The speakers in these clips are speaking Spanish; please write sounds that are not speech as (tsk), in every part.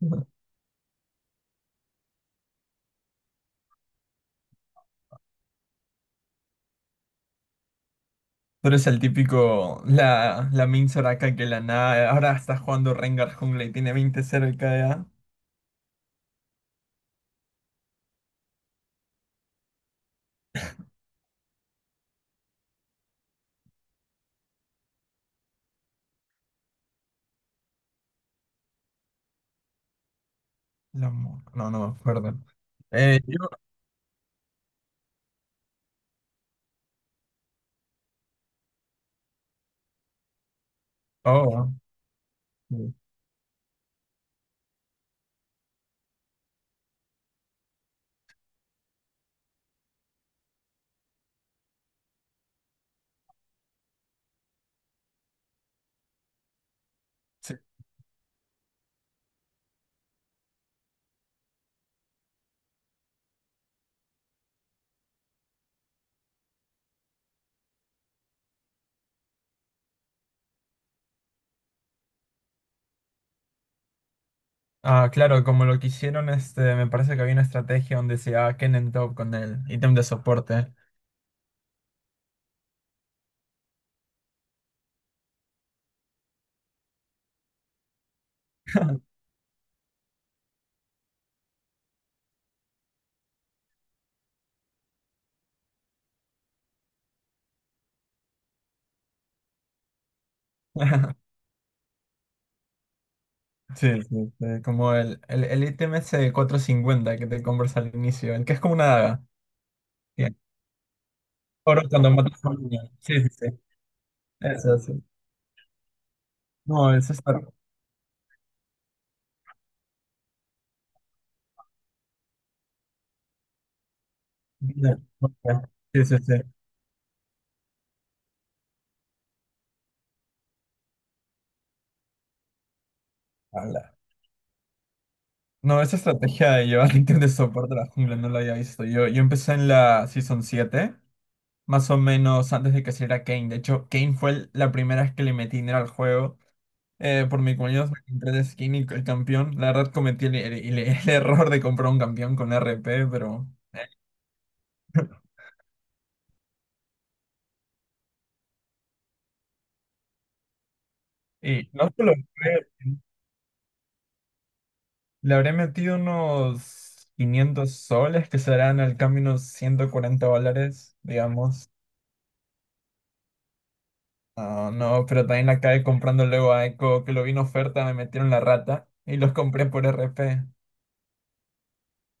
Pero es el típico, la Min Soraka que la nada, ahora está jugando Rengar jungla y tiene 20 cero de KDA. No, no me acuerdo. Eh, yo- oh, sí. Sí. Ah, claro, como lo que hicieron, este, me parece que había una estrategia donde se llevaba Kennen top con el ítem de soporte. (laughs) Sí, sí, sí, como el ítem ese de 450 que te compras al inicio, el que es como una daga. Bien. Oro cuando matas a un niño. Sí, sí, sí. Eso, sí. No, eso está. Mira, ok. Sí, sí, sí. Ala. No, esa estrategia de llevar (laughs) ítem de soporte a la jungla no la había visto. Yo empecé en la Season 7 más o menos antes de que saliera Kane. De hecho, Kane fue la primera vez que le metí dinero al juego. Por mi comunidad me compré el skin y el campeón. La verdad cometí el error de comprar un campeón con RP, pero... (laughs) Y no te lo creo. Le habré metido unos 500 soles, que serán al cambio unos 140 dólares, digamos. Ah, no, pero también la acabé comprando luego a Eco, que lo vi en oferta, me metieron la rata y los compré por RP.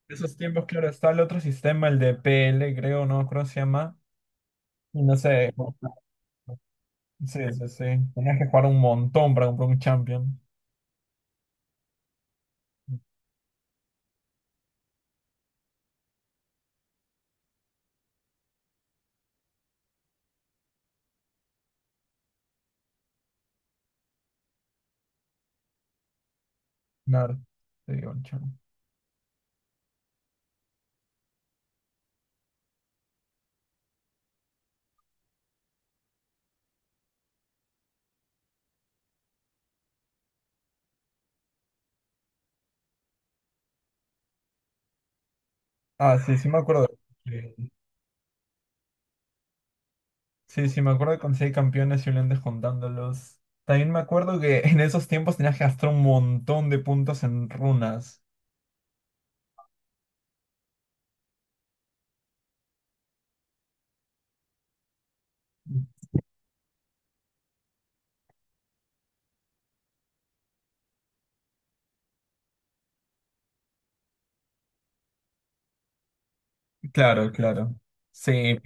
Esos tiempos, claro, está el otro sistema, el de PL, creo, no creo se llama. Y no sé. Sí, sí, sí. Tenías que jugar un montón para comprar un champion. Claro, te digo, un champion. Ah, sí, sí me acuerdo. que- Sí, sí me acuerdo que conseguí campeones y un juntándolos. También me acuerdo que (laughs) en esos tiempos tenías que gastar un montón de puntos en runas. Claro, claro. Sí.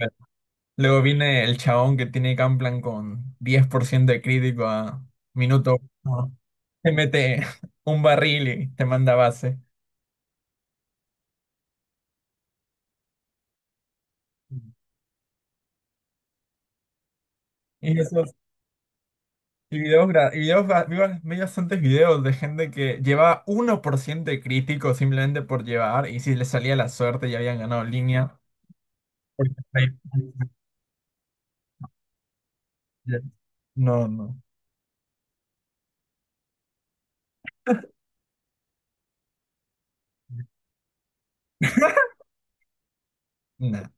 Luego viene el chabón que tiene Gunplan con 10% de crítico a minuto uno. Te mete (laughs) un barril y te manda a base. Y esos y videos, gra- y videos ba- vi bastantes videos de gente que llevaba 1% de crítico simplemente por llevar y si les salía la suerte ya habían ganado línea. (laughs) Porque ahí- No, no. Nada.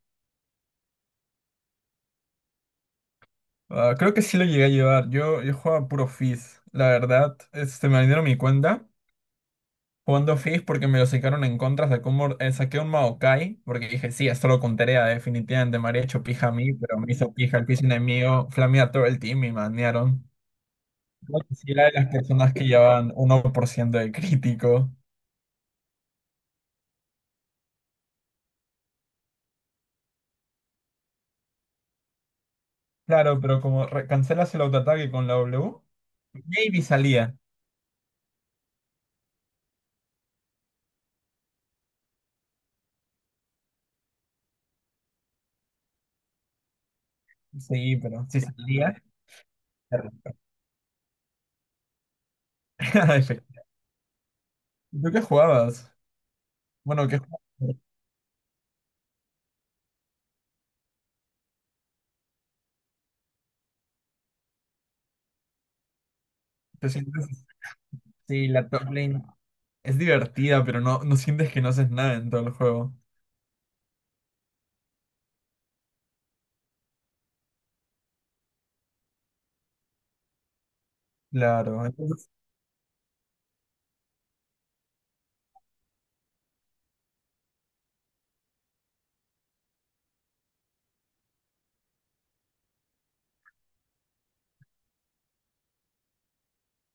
Ah, creo que sí lo llegué a llevar. Yo jugaba puro Fizz. La verdad, este, me vendieron mi cuenta. Jugando Fizz porque me lo sacaron en contra, saqué un Maokai, porque dije, sí, esto lo contaría definitivamente me habría hecho pija a mí, pero me hizo pija el piso enemigo, flamea todo el team y manearon. Creo que sí era de las personas que llevaban 1% de crítico. Claro, pero como cancelas el autoataque con la W, maybe salía. Sí, pero si salía. (laughs) Perfecto. ¿Tú qué jugabas? Bueno, ¿qué jugabas? ¿Te sientes? Sí, la top lane es divertida, pero no, no sientes que no haces nada en todo el juego. Claro, entonces,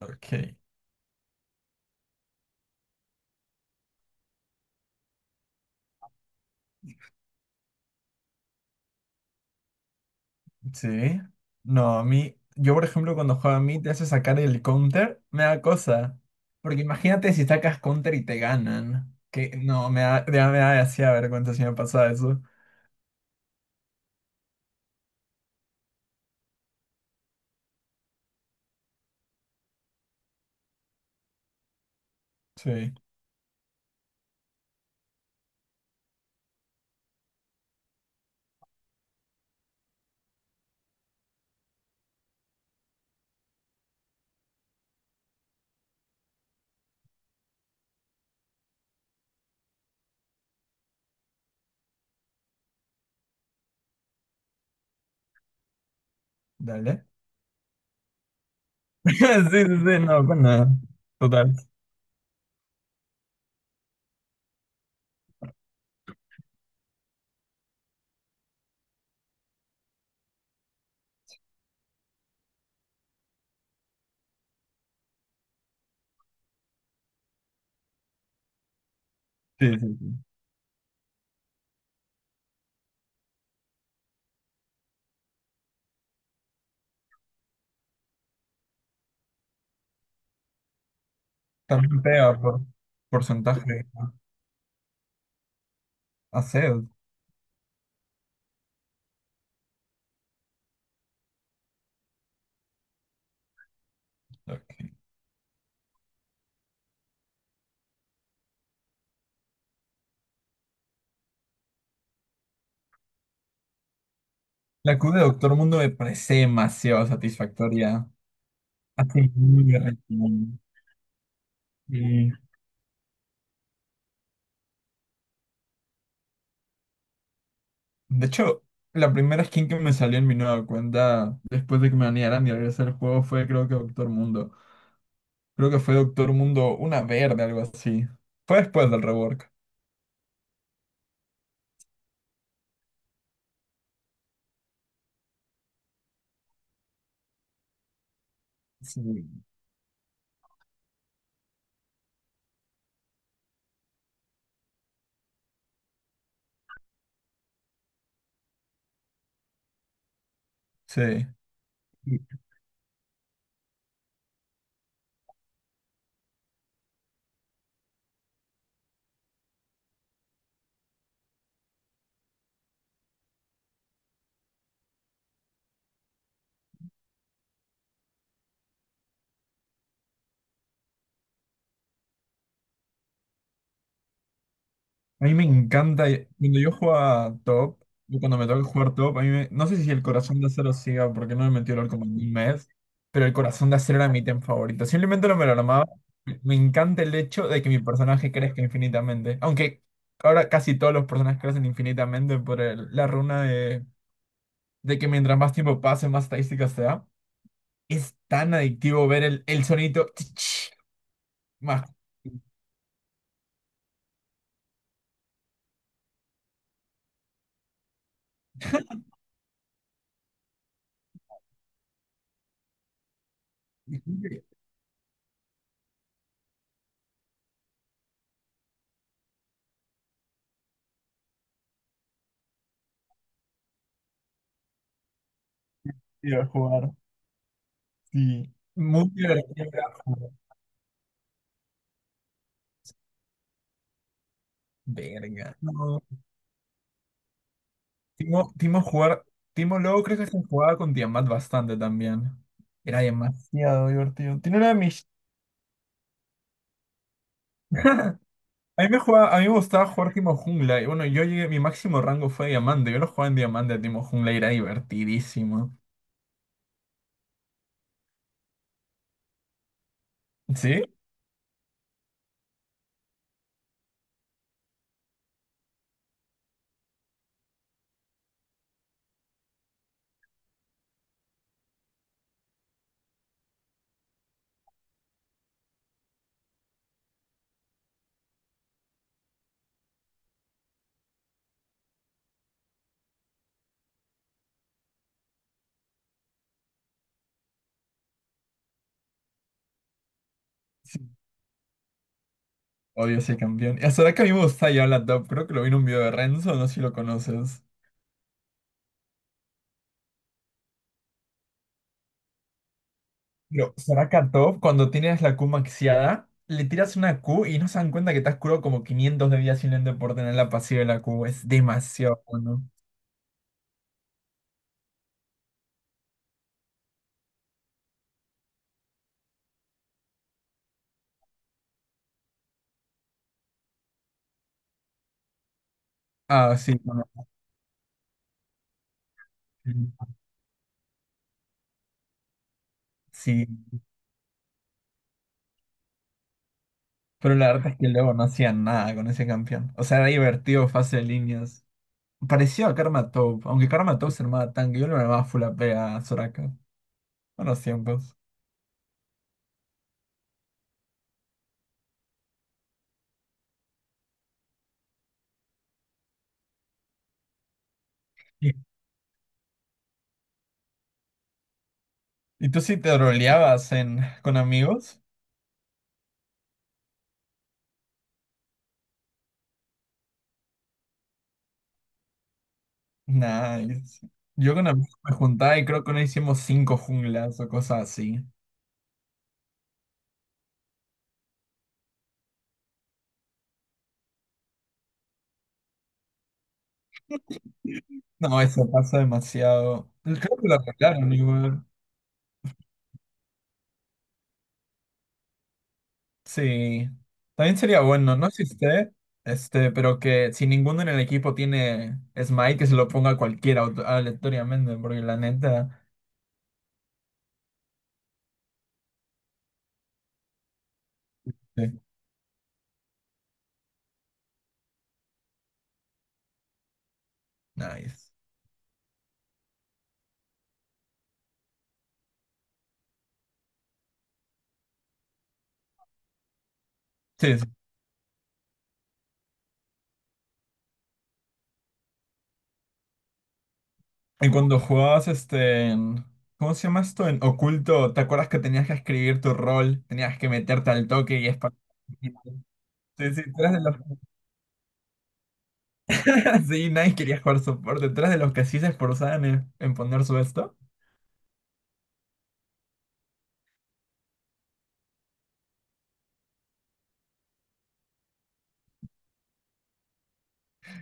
ok, sí. No, a mí, yo por ejemplo cuando juega a mí te hace sacar el counter, me da cosa. Porque imagínate si sacas counter y te ganan. Que no, me da, ya me da hacía vergüenza si me pasaba eso. Sí, dale. (laughs) Sí, sí, sí, no, pues nada. Total. Sí, sí, sí. También pega por porcentaje. Hacer. Ok. La Q de Doctor Mundo me parece demasiado satisfactoria. Así muy real. De hecho, la primera skin que me salió en mi nueva cuenta después de que me banearan y regresé al juego fue creo que Doctor Mundo. Creo que fue Doctor Mundo una verde, algo así. Fue después del rework. Sí. Sí. A mí me encanta, cuando yo juego top, o cuando me toca jugar top, no sé si el corazón de acero siga, porque no me metió LOL como en un mes, pero el corazón de acero era mi item favorito. Simplemente no me lo armaba. Me encanta el hecho de que mi personaje crezca infinitamente. Aunque ahora casi todos los personajes crecen infinitamente por la runa de que mientras más tiempo pase, más estadísticas se da. Es tan adictivo ver el sonito (tsk) más. Y jugar. Sí. Muy divertido. Verga. No. Timo jugar. Timo luego creo que se jugaba con Tiamat bastante también. Era demasiado divertido. Tiene una de mis. (laughs) A mí me gustaba jugar Timo Jungla. Y bueno, yo llegué, mi máximo rango fue diamante. Yo lo jugaba en diamante a Timo Jungla y era divertidísimo. ¿Sí? Sí. Odio ese campeón. Y hasta ahora que a mí me gusta ya la top. Creo que lo vi en un video de Renzo, no sé si lo conoces. Pero será Katov cuando tienes la Q maxiada, le tiras una Q y no se dan cuenta que te has curado como 500 de vida simplemente por tener la pasiva de la Q. Es demasiado bueno. Ah, sí, bueno, sí. Sí. Pero la verdad es que luego no hacían nada con ese campeón. O sea, era divertido, fase de líneas. Pareció a Karma Top, aunque Karma Top se armaba tanque, yo lo armaba full AP a Soraka. Buenos tiempos. ¿Y, y tú sí te roleabas en, con amigos? Nice. Yo con amigos me juntaba y creo que no hicimos cinco junglas o cosas así. No, eso pasa demasiado. Creo que lo arreglaron igual. Sí. También sería bueno, no existe, este, pero que si ninguno en el equipo tiene Smite, que se lo ponga a cualquiera aleatoriamente, porque la neta. Sí. Nice. Sí, sí. En cuando jugabas este. ¿Cómo se llama esto? En oculto, ¿te acuerdas que tenías que escribir tu rol? Tenías que meterte al toque y es. Sí, sí, tú eras de los (laughs) Sí, nadie quería jugar support. Detrás de los que sí se esforzaban en poner su esto.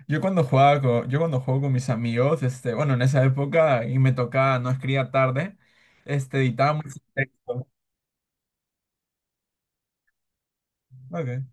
Yo cuando juego con mis amigos, este, bueno, en esa época y me tocaba, no escribía tarde, este, editábamos texto. Ok.